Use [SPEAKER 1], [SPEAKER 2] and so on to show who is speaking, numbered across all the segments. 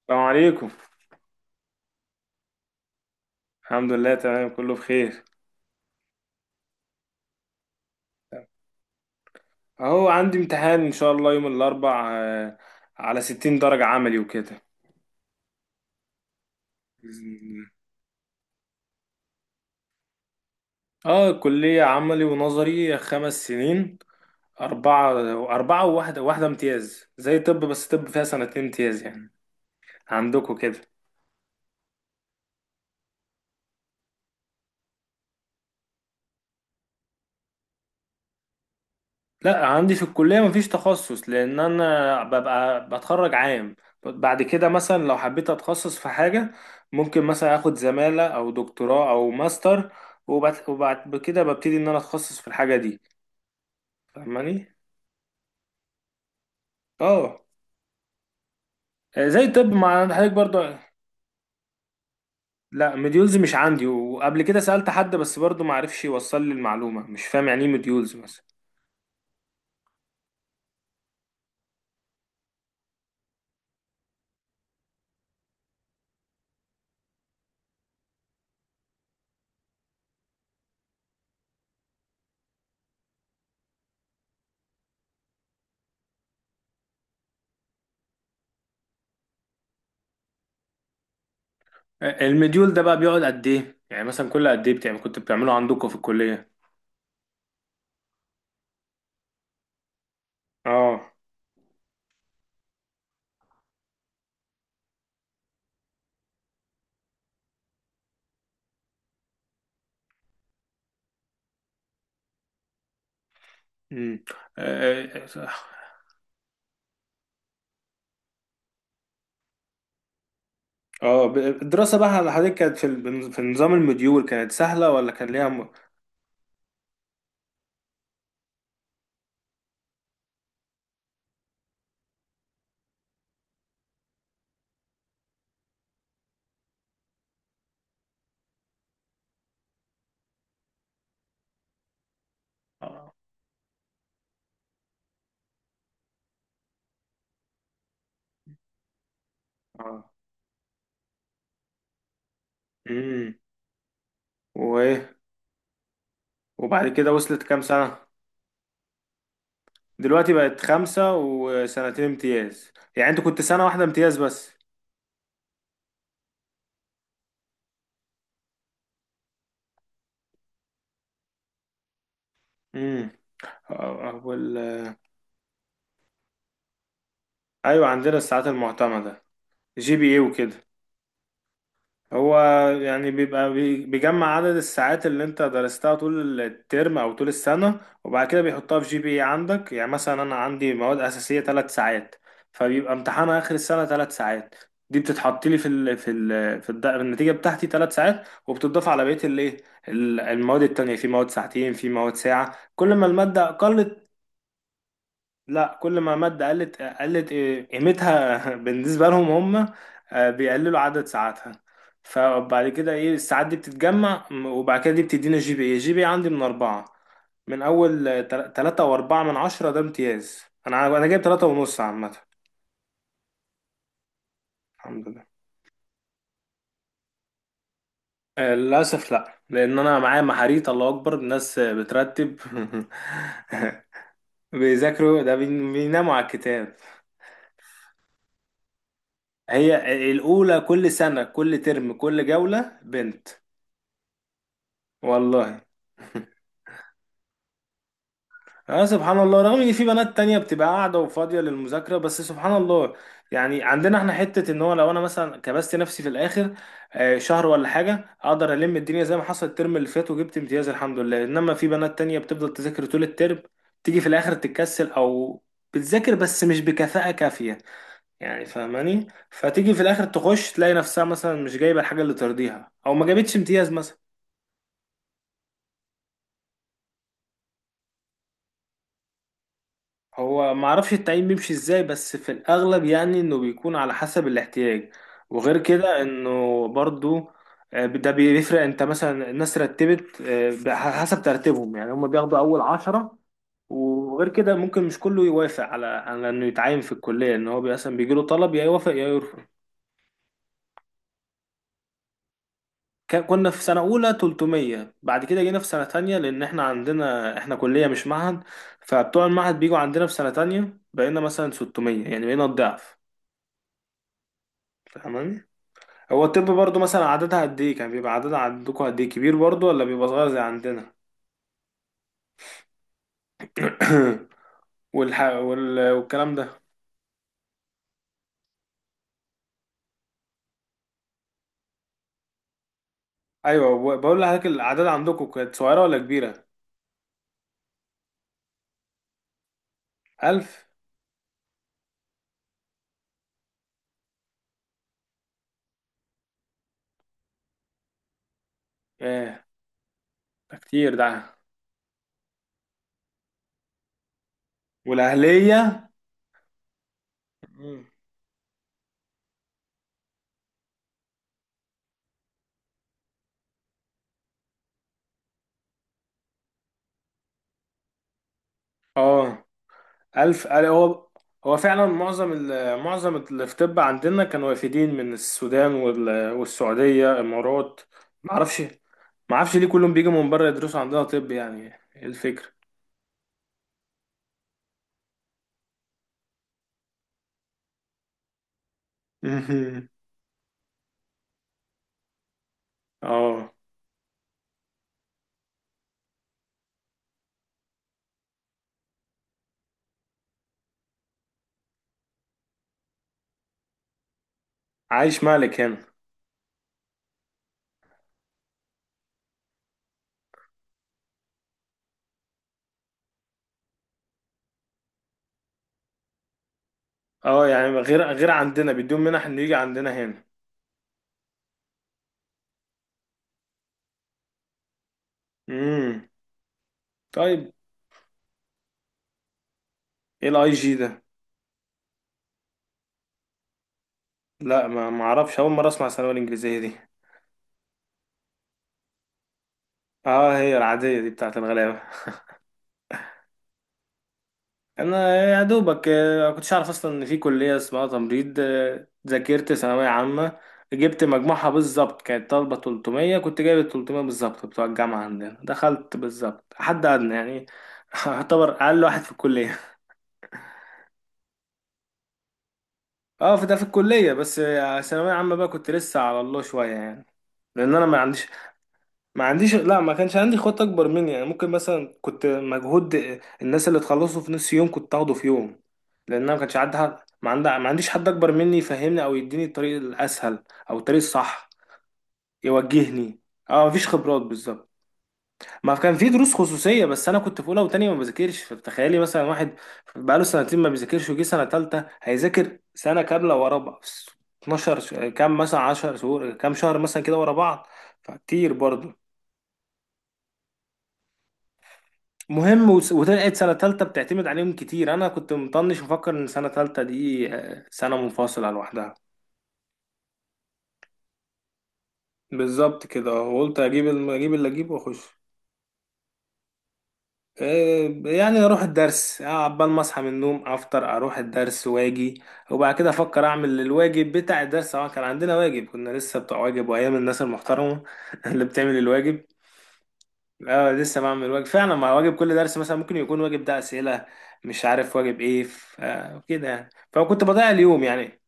[SPEAKER 1] السلام عليكم. الحمد لله، تمام، كله بخير. اهو عندي امتحان ان شاء الله يوم الاربع، على 60 درجة عملي وكده. اه، كلية عملي ونظري 5 سنين. أربعة أربعة وواحدة امتياز زي طب، بس طب فيها سنتين امتياز يعني. عندكم كده؟ لا، عندي في الكلية مفيش تخصص، لأن أنا ببقى بتخرج عام. بعد كده مثلا لو حبيت أتخصص في حاجة، ممكن مثلا أخد زمالة أو دكتوراه أو ماستر. وبعد كده ببتدي إن أنا أتخصص في الحاجة دي. فاهماني؟ اه. زي الطب مع حضرتك برضو. لا، مديولز مش عندي، وقبل كده سألت حد بس برضو معرفش يوصل لي المعلومة، مش فاهم يعني إيه مديولز مثلا. المديول ده بقى بيقعد قد إيه؟ يعني مثلا كل قد إيه بتعمل، كنت بتعمله عندكم في الكلية؟ اه. امم. اه. الدراسة بقى على حضرتك كانت في نظام المديول، كانت سهلة ولا كان ليها؟ اه، اه. امم. وايه؟ وبعد كده وصلت كام سنة؟ دلوقتي بقت خمسة وسنتين امتياز. يعني انت كنت سنة واحدة امتياز بس. امم. آه، آه، وال... ايوه، عندنا الساعات المعتمدة، GPA وكده. هو يعني بيبقى بيجمع عدد الساعات اللي انت درستها طول الترم او طول السنة، وبعد كده بيحطها في GPA عندك. يعني مثلا انا عندي مواد اساسية 3 ساعات، فبيبقى امتحانها اخر السنة 3 ساعات. دي بتتحط لي في ال في ال في الد- النتيجة بتاعتي 3 ساعات، وبتضاف على بقية الايه. المواد التانية في مواد ساعتين، في مواد ساعة. كل ما المادة قلت. لا، كل ما مادة قلت، قلت قيمتها بالنسبة لهم. هم بيقللوا عدد ساعاتها. فبعد كده ايه، الساعات دي بتتجمع وبعد كده دي بتدينا GPA. جي بي إيه عندي من 4؟ من أول 3.4 من 10 ده امتياز. أنا جايب 3.5 عامة. الحمد لله. للأسف لا، لأن أنا معايا محاريت، الله أكبر، الناس بترتب. بيذاكروا، ده بيناموا على الكتاب. هي الأولى كل سنة، كل ترم، كل جولة بنت. والله. اه، سبحان الله، رغم ان في بنات تانية بتبقى قاعدة وفاضية للمذاكرة، بس سبحان الله. يعني عندنا احنا حتة، ان هو لو انا مثلا كبست نفسي في الاخر شهر ولا حاجة، اقدر الم الدنيا زي ما حصل الترم اللي فات وجبت امتياز الحمد لله. انما في بنات تانية بتفضل تذاكر طول الترم، تيجي في الاخر تتكسل او بتذاكر بس مش بكفاءة كافية، يعني فاهماني؟ فتيجي في الاخر تخش تلاقي نفسها مثلا مش جايبة الحاجة اللي ترضيها، او ما جابتش امتياز مثلا. هو معرفش التعيين بيمشي ازاي، بس في الاغلب يعني انه بيكون على حسب الاحتياج. وغير كده انه برضو ده بيفرق، انت مثلا الناس رتبت حسب ترتيبهم. يعني هم بياخدوا اول 10. وغير كده ممكن مش كله يوافق على انه يتعين في الكليه، ان هو مثلا بيجي له طلب، يا يوافق يا يرفض. كنا في سنه اولى 300، بعد كده جينا في سنه تانية، لان احنا عندنا احنا كليه مش معهد. فبتوع المعهد بيجوا عندنا في سنه تانية، بقينا مثلا 600، يعني بقينا الضعف. فاهماني؟ هو الطب برضو مثلا عددها قد ايه، كان بيبقى عددها عندكم قد ايه، كبير برضو ولا بيبقى صغير زي عندنا؟ والكلام ده. ايوه، بقول لحضرتك الاعداد عندكم كانت صغيره ولا كبيره؟ 1000! ايه ده، كتير ده. والاهليه. مم. اه. هو هو فعلا معظم معظم اللي في طب عندنا كانوا وافدين من السودان والسعوديه، امارات. معرفش معرفش ليه كلهم بيجوا من بره يدرسوا عندنا طب يعني. ايه الفكره؟ اه. عايش مالك هنا. اه، يعني غير عندنا بيدوم منح انه يجي عندنا هنا. امم. طيب، ايه IG ده؟ لا، ما اعرفش، اول مره اسمع الثانويه الانجليزيه دي. اه، هي العاديه دي بتاعت الغلابه. انا يا دوبك ما كنتش اعرف اصلا ان في كليه اسمها تمريض. ذاكرت ثانويه عامه، جبت مجموعها بالظبط. كانت طالبه 300 كنت جايب 300 بالظبط. بتوع الجامعه عندنا دخلت بالظبط، حد ادنى يعني. اعتبر اقل واحد في الكليه. اه، في ده في الكلية بس. ثانوية عامة بقى كنت لسه على الله شوية يعني. لأن أنا ما عنديش. لا، ما كانش عندي خطة أكبر مني. يعني ممكن مثلا كنت مجهود، الناس اللي تخلصوا في نص يوم كنت أخده في يوم. لأن أنا ما كانش عندي حد، ما عنديش حد أكبر مني يفهمني أو يديني الطريق الأسهل، أو الطريق الصح، يوجهني. اه، مفيش خبرات بالظبط. ما كان في دروس خصوصية، بس أنا كنت في أولى وتانية ما بذاكرش، فتخيلي مثلا واحد بقاله سنتين ما بيذاكرش وجي سنة تالتة هيذاكر سنة كاملة ورا بعض. 12 كام، مثلا 10 شهور، كام شهر مثلا كده ورا بعض، فكتير برضه. مهم، وطلعت سنة تالتة بتعتمد عليهم كتير. أنا كنت مطنش، مفكر إن سنة تالتة دي سنة منفصلة لوحدها. بالظبط كده، وقلت أجيب اللي أجيبه وأخش. يعني اروح الدرس، عبال ما اصحى من النوم افطر اروح الدرس واجي، وبعد كده افكر اعمل الواجب بتاع الدرس. اه، كان عندنا واجب، كنا لسه بتوع واجب، وايام الناس المحترمه اللي بتعمل الواجب. اه، لسه بعمل واجب فعلا، مع واجب كل درس مثلا ممكن يكون واجب ده اسئله، مش عارف واجب ايه، كده يعني، فكنت بضيع اليوم يعني.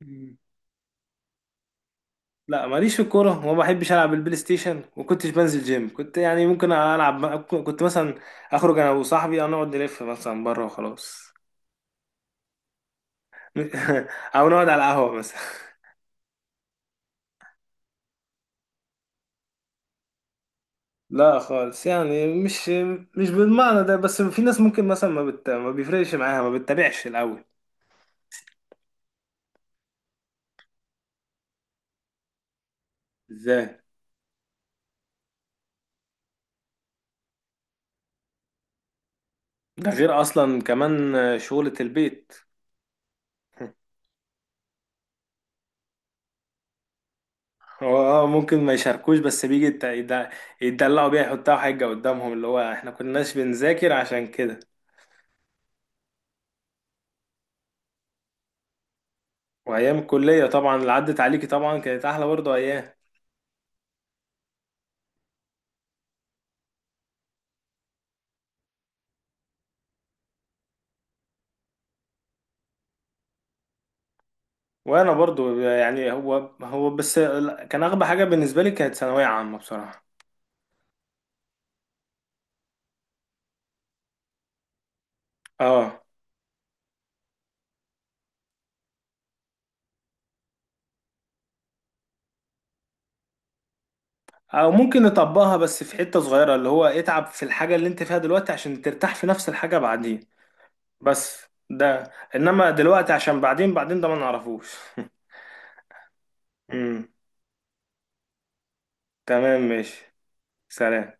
[SPEAKER 1] مم. لا، ماليش في الكوره، وما بحبش العب البلاي ستيشن، وكنتش بنزل جيم. كنت يعني ممكن العب، كنت مثلا اخرج انا وصاحبي أو نقعد نلف مثلا بره وخلاص. او نقعد على القهوة مثلا. لا خالص، يعني مش بالمعنى ده، بس في ناس ممكن مثلا ما بيفرقش معاها، ما بتتابعش الاول. ازاي؟ ده غير اصلا كمان شغلة البيت. هو اه ممكن ما يشاركوش، بس بيجي يتدلعوا بيها، يحطها حجة قدامهم اللي هو احنا كناش بنذاكر عشان كده. وايام الكلية طبعا اللي عدت عليكي طبعا كانت احلى برضه ايام. وانا برضه، يعني، هو بس كان اغبى حاجة بالنسبة لي كانت ثانوية عامة بصراحة. اه، او ممكن نطبقها بس في حتة صغيرة، اللي هو اتعب في الحاجة اللي انت فيها دلوقتي عشان ترتاح في نفس الحاجة بعدين، بس. ده، انما دلوقتي عشان بعدين، بعدين ده ما نعرفوش. امم. تمام، ماشي. سلام.